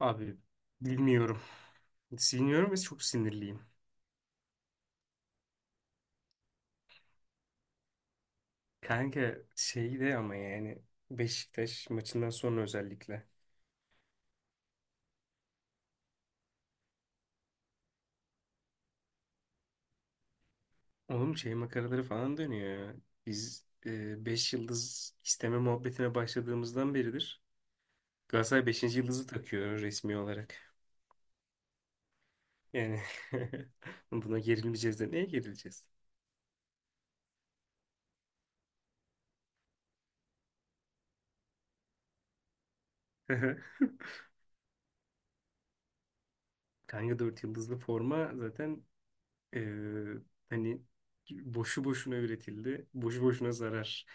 Abi bilmiyorum. Siniyorum ve çok sinirliyim. Kanka şey de ama yani Beşiktaş maçından sonra özellikle. Oğlum şey makaraları falan dönüyor ya. Biz 5 yıldız isteme muhabbetine başladığımızdan beridir. Galatasaray beşinci yıldızı takıyor resmi olarak. Yani buna gerilmeyeceğiz de neye gerileceğiz? Kanka 4 yıldızlı forma zaten Ee, hani boşu boşuna üretildi. Boşu boşuna zarar.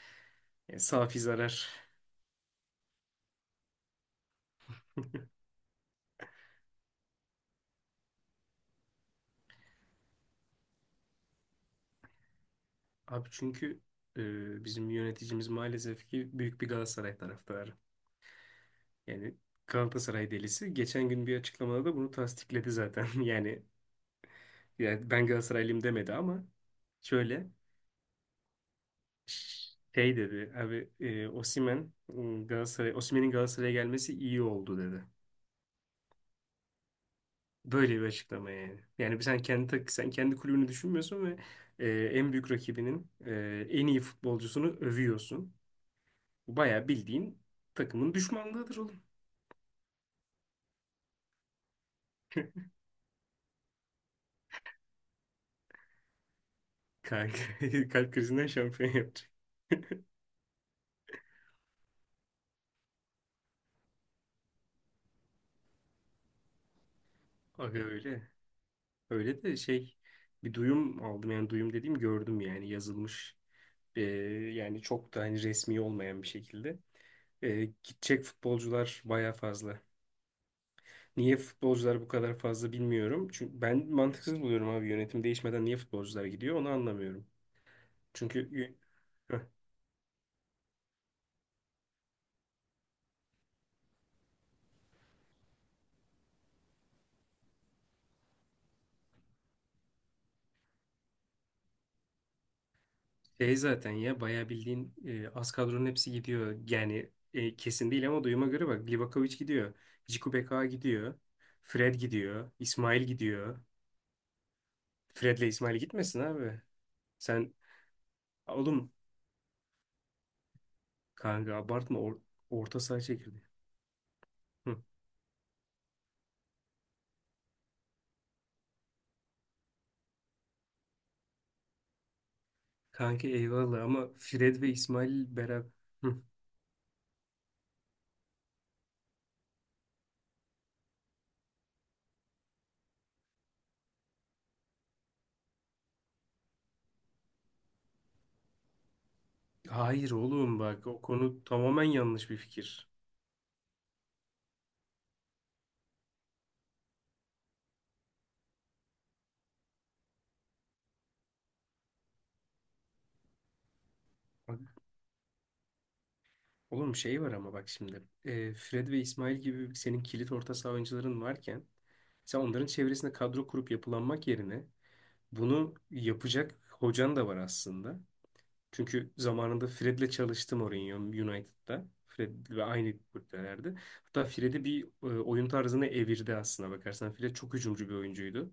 Yani safi zarar. Abi çünkü bizim yöneticimiz maalesef ki büyük bir Galatasaray taraftarı. Yani Galatasaray delisi. Geçen gün bir açıklamada da bunu tasdikledi zaten. Yani, ben Galatasaraylıyım demedi ama şöyle şey dedi. Abi Osimhen, Galatasaray, Osimhen'in Galatasaray'a gelmesi iyi oldu dedi. Böyle bir açıklama yani. Yani sen sen kendi kulübünü düşünmüyorsun ve e, en büyük rakibinin en iyi futbolcusunu övüyorsun. Bu bayağı bildiğin takımın düşmanlığıdır oğlum. Kalp, kalp krizinden şampiyon yapacak. Aga öyle. Öyle de şey bir duyum aldım yani duyum dediğim gördüm yani yazılmış. E, yani çok da hani resmi olmayan bir şekilde. Gidecek futbolcular baya fazla. Niye futbolcular bu kadar fazla bilmiyorum. Çünkü ben mantıksız buluyorum abi yönetim değişmeden niye futbolcular gidiyor onu anlamıyorum. Çünkü y- Heh, şey zaten ya bayağı bildiğin az kadronun hepsi gidiyor. Yani kesin değil ama duyuma göre bak Livakovic gidiyor. Ciku Beka gidiyor. Fred gidiyor. İsmail gidiyor. Fred'le İsmail gitmesin abi. Sen oğlum kanka orta saha çekirdeği. Hı. Kanka eyvallah ama Fred ve İsmail beraber. Hayır oğlum bak o konu tamamen yanlış bir fikir. Bak, oğlum şey var ama bak şimdi. Fred ve İsmail gibi senin kilit orta saha oyuncuların varken sen onların çevresinde kadro kurup yapılanmak yerine bunu yapacak hocan da var aslında. Çünkü zamanında Fred'le çalıştım Mourinho United'da. Fred ve aynı kulüplerde. Hatta Fred'i bir oyun tarzını evirdi aslında bakarsan. Fred çok hücumcu bir oyuncuydu.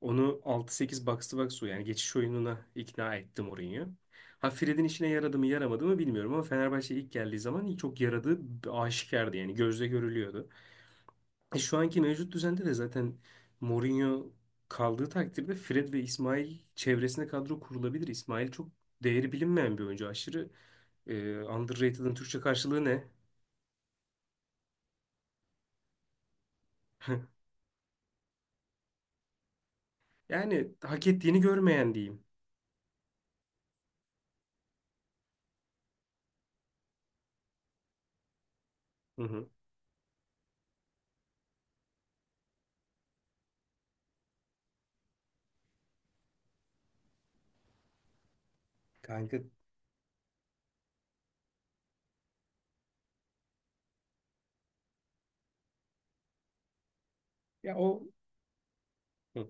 Onu 6-8 box to box yani geçiş oyununa ikna ettim Mourinho. Ha Fred'in işine yaradı mı yaramadı mı bilmiyorum ama Fenerbahçe ilk geldiği zaman çok yaradığı aşikardı yani gözle görülüyordu. Şu anki mevcut düzende de zaten Mourinho kaldığı takdirde Fred ve İsmail çevresine kadro kurulabilir. İsmail çok değeri bilinmeyen bir oyuncu. Aşırı underrated'ın Türkçe karşılığı ne? Yani hak ettiğini görmeyen diyeyim. Hı hı. Kanka ya o. Hı.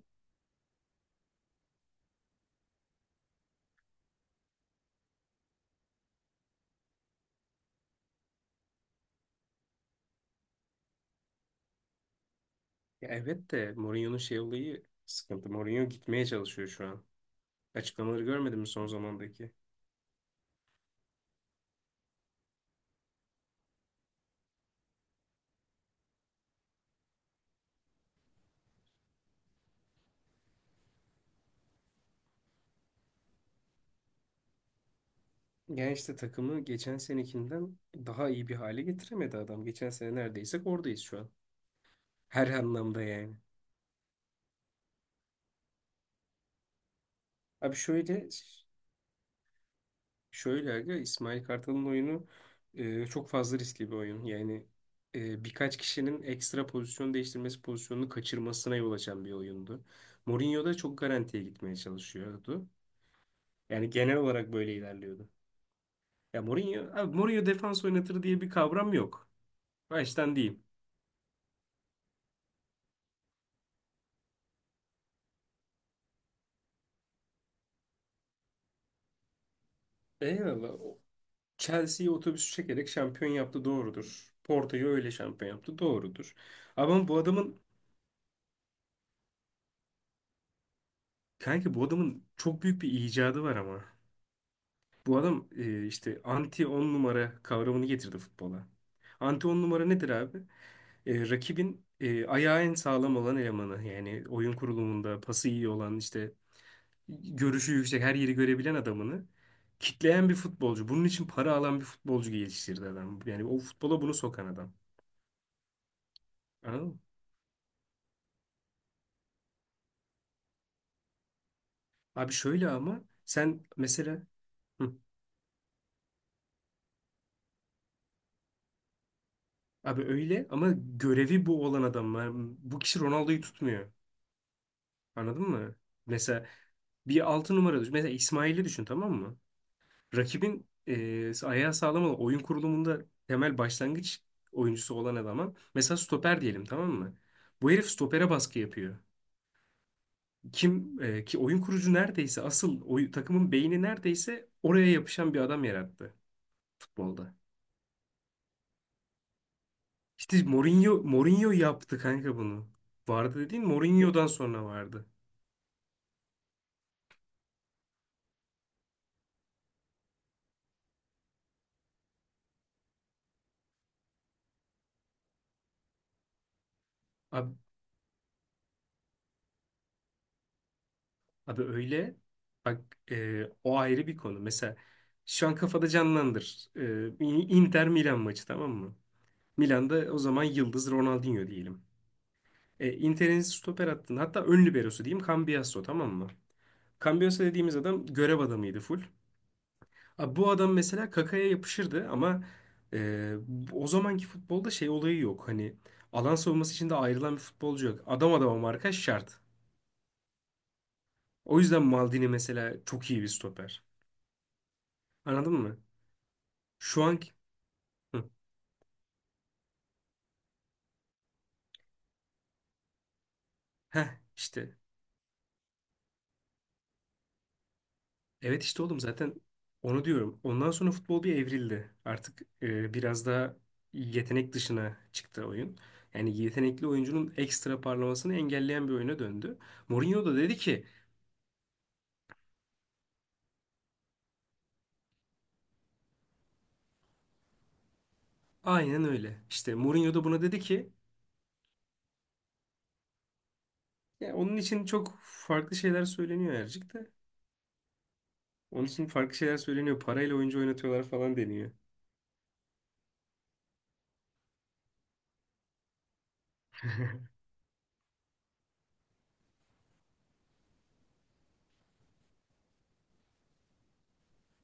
Ya evet de Mourinho'nun şey olayı sıkıntı. Mourinho gitmeye çalışıyor şu an. Açıklamaları görmedin mi son zamandaki? Yani işte takımı geçen senekinden daha iyi bir hale getiremedi adam. Geçen sene neredeysek oradayız şu an. Her anlamda yani. Abi şöyle şöyle aga İsmail Kartal'ın oyunu çok fazla riskli bir oyun. Yani birkaç kişinin ekstra pozisyon değiştirmesi pozisyonunu kaçırmasına yol açan bir oyundu. Mourinho da çok garantiye gitmeye çalışıyordu. Yani genel olarak böyle ilerliyordu. Ya Mourinho, abi Mourinho defans oynatır diye bir kavram yok. Baştan diyeyim. Eyvallah. Chelsea'yi otobüsü çekerek şampiyon yaptı doğrudur. Porto'yu öyle şampiyon yaptı doğrudur. Ama bu adamın kanka bu adamın çok büyük bir icadı var ama. Bu adam işte anti 10 numara kavramını getirdi futbola. Anti 10 numara nedir abi? Rakibin ayağı en sağlam olan elemanı. Yani oyun kurulumunda pası iyi olan işte görüşü yüksek, her yeri görebilen adamını kitleyen bir futbolcu. Bunun için para alan bir futbolcu geliştirdi adam. Yani o futbola bunu sokan adam. Anladın mı? Abi şöyle ama sen mesela hı, abi öyle ama görevi bu olan adam. Yani bu kişi Ronaldo'yu tutmuyor. Anladın mı? Mesela bir altı numara düşün. Mesela İsmail'i düşün tamam mı? Rakibin ayağı sağlam olan oyun kurulumunda temel başlangıç oyuncusu olan adama mesela stoper diyelim tamam mı? Bu herif stopere baskı yapıyor. Ki oyun kurucu neredeyse takımın beyni neredeyse oraya yapışan bir adam yarattı futbolda. İşte Mourinho Mourinho yaptı kanka bunu. Vardı dediğin Mourinho'dan sonra vardı. Abi, abi öyle bak o ayrı bir konu. Mesela şu an kafada canlandır. Inter Milan maçı tamam mı? Milan'da o zaman yıldız Ronaldinho diyelim. Inter'in stoper hattında hatta ön liberosu diyeyim Cambiasso tamam mı? Cambiasso dediğimiz adam görev adamıydı full. Abi bu adam mesela Kaka'ya yapışırdı ama e, o zamanki futbolda şey olayı yok. Hani alan savunması için de ayrılan bir futbolcu yok. Adam adama markaj şart. O yüzden Maldini mesela çok iyi bir stoper. Anladın mı? Şu anki... Hı. Heh işte. Evet işte oğlum zaten onu diyorum. Ondan sonra futbol bir evrildi. Artık biraz daha yetenek dışına çıktı oyun. Yani yetenekli oyuncunun ekstra parlamasını engelleyen bir oyuna döndü. Mourinho da dedi ki aynen öyle. İşte Mourinho da buna dedi ki ya onun için çok farklı şeyler söyleniyor Ercik de. Onun için farklı şeyler söyleniyor. Parayla oyuncu oynatıyorlar falan deniyor.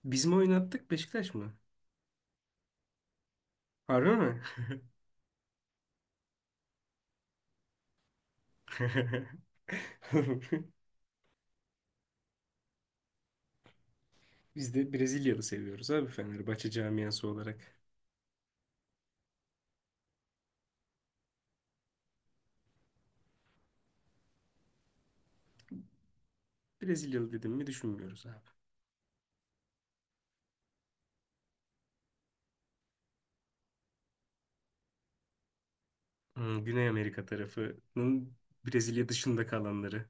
Biz mi oynattık Beşiktaş mı? Harbi mi? Biz de Brezilyalı seviyoruz abi Fenerbahçe camiası olarak. Brezilyalı dedim mi düşünmüyoruz abi. Güney Amerika tarafının Brezilya dışında kalanları.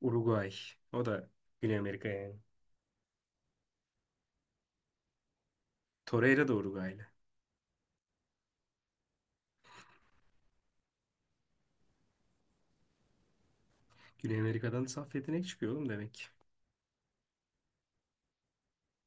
Uruguay. O da Güney Amerika yani. Torreira da Uruguaylı. Güney Amerika'dan saf yetenek çıkıyor oğlum demek.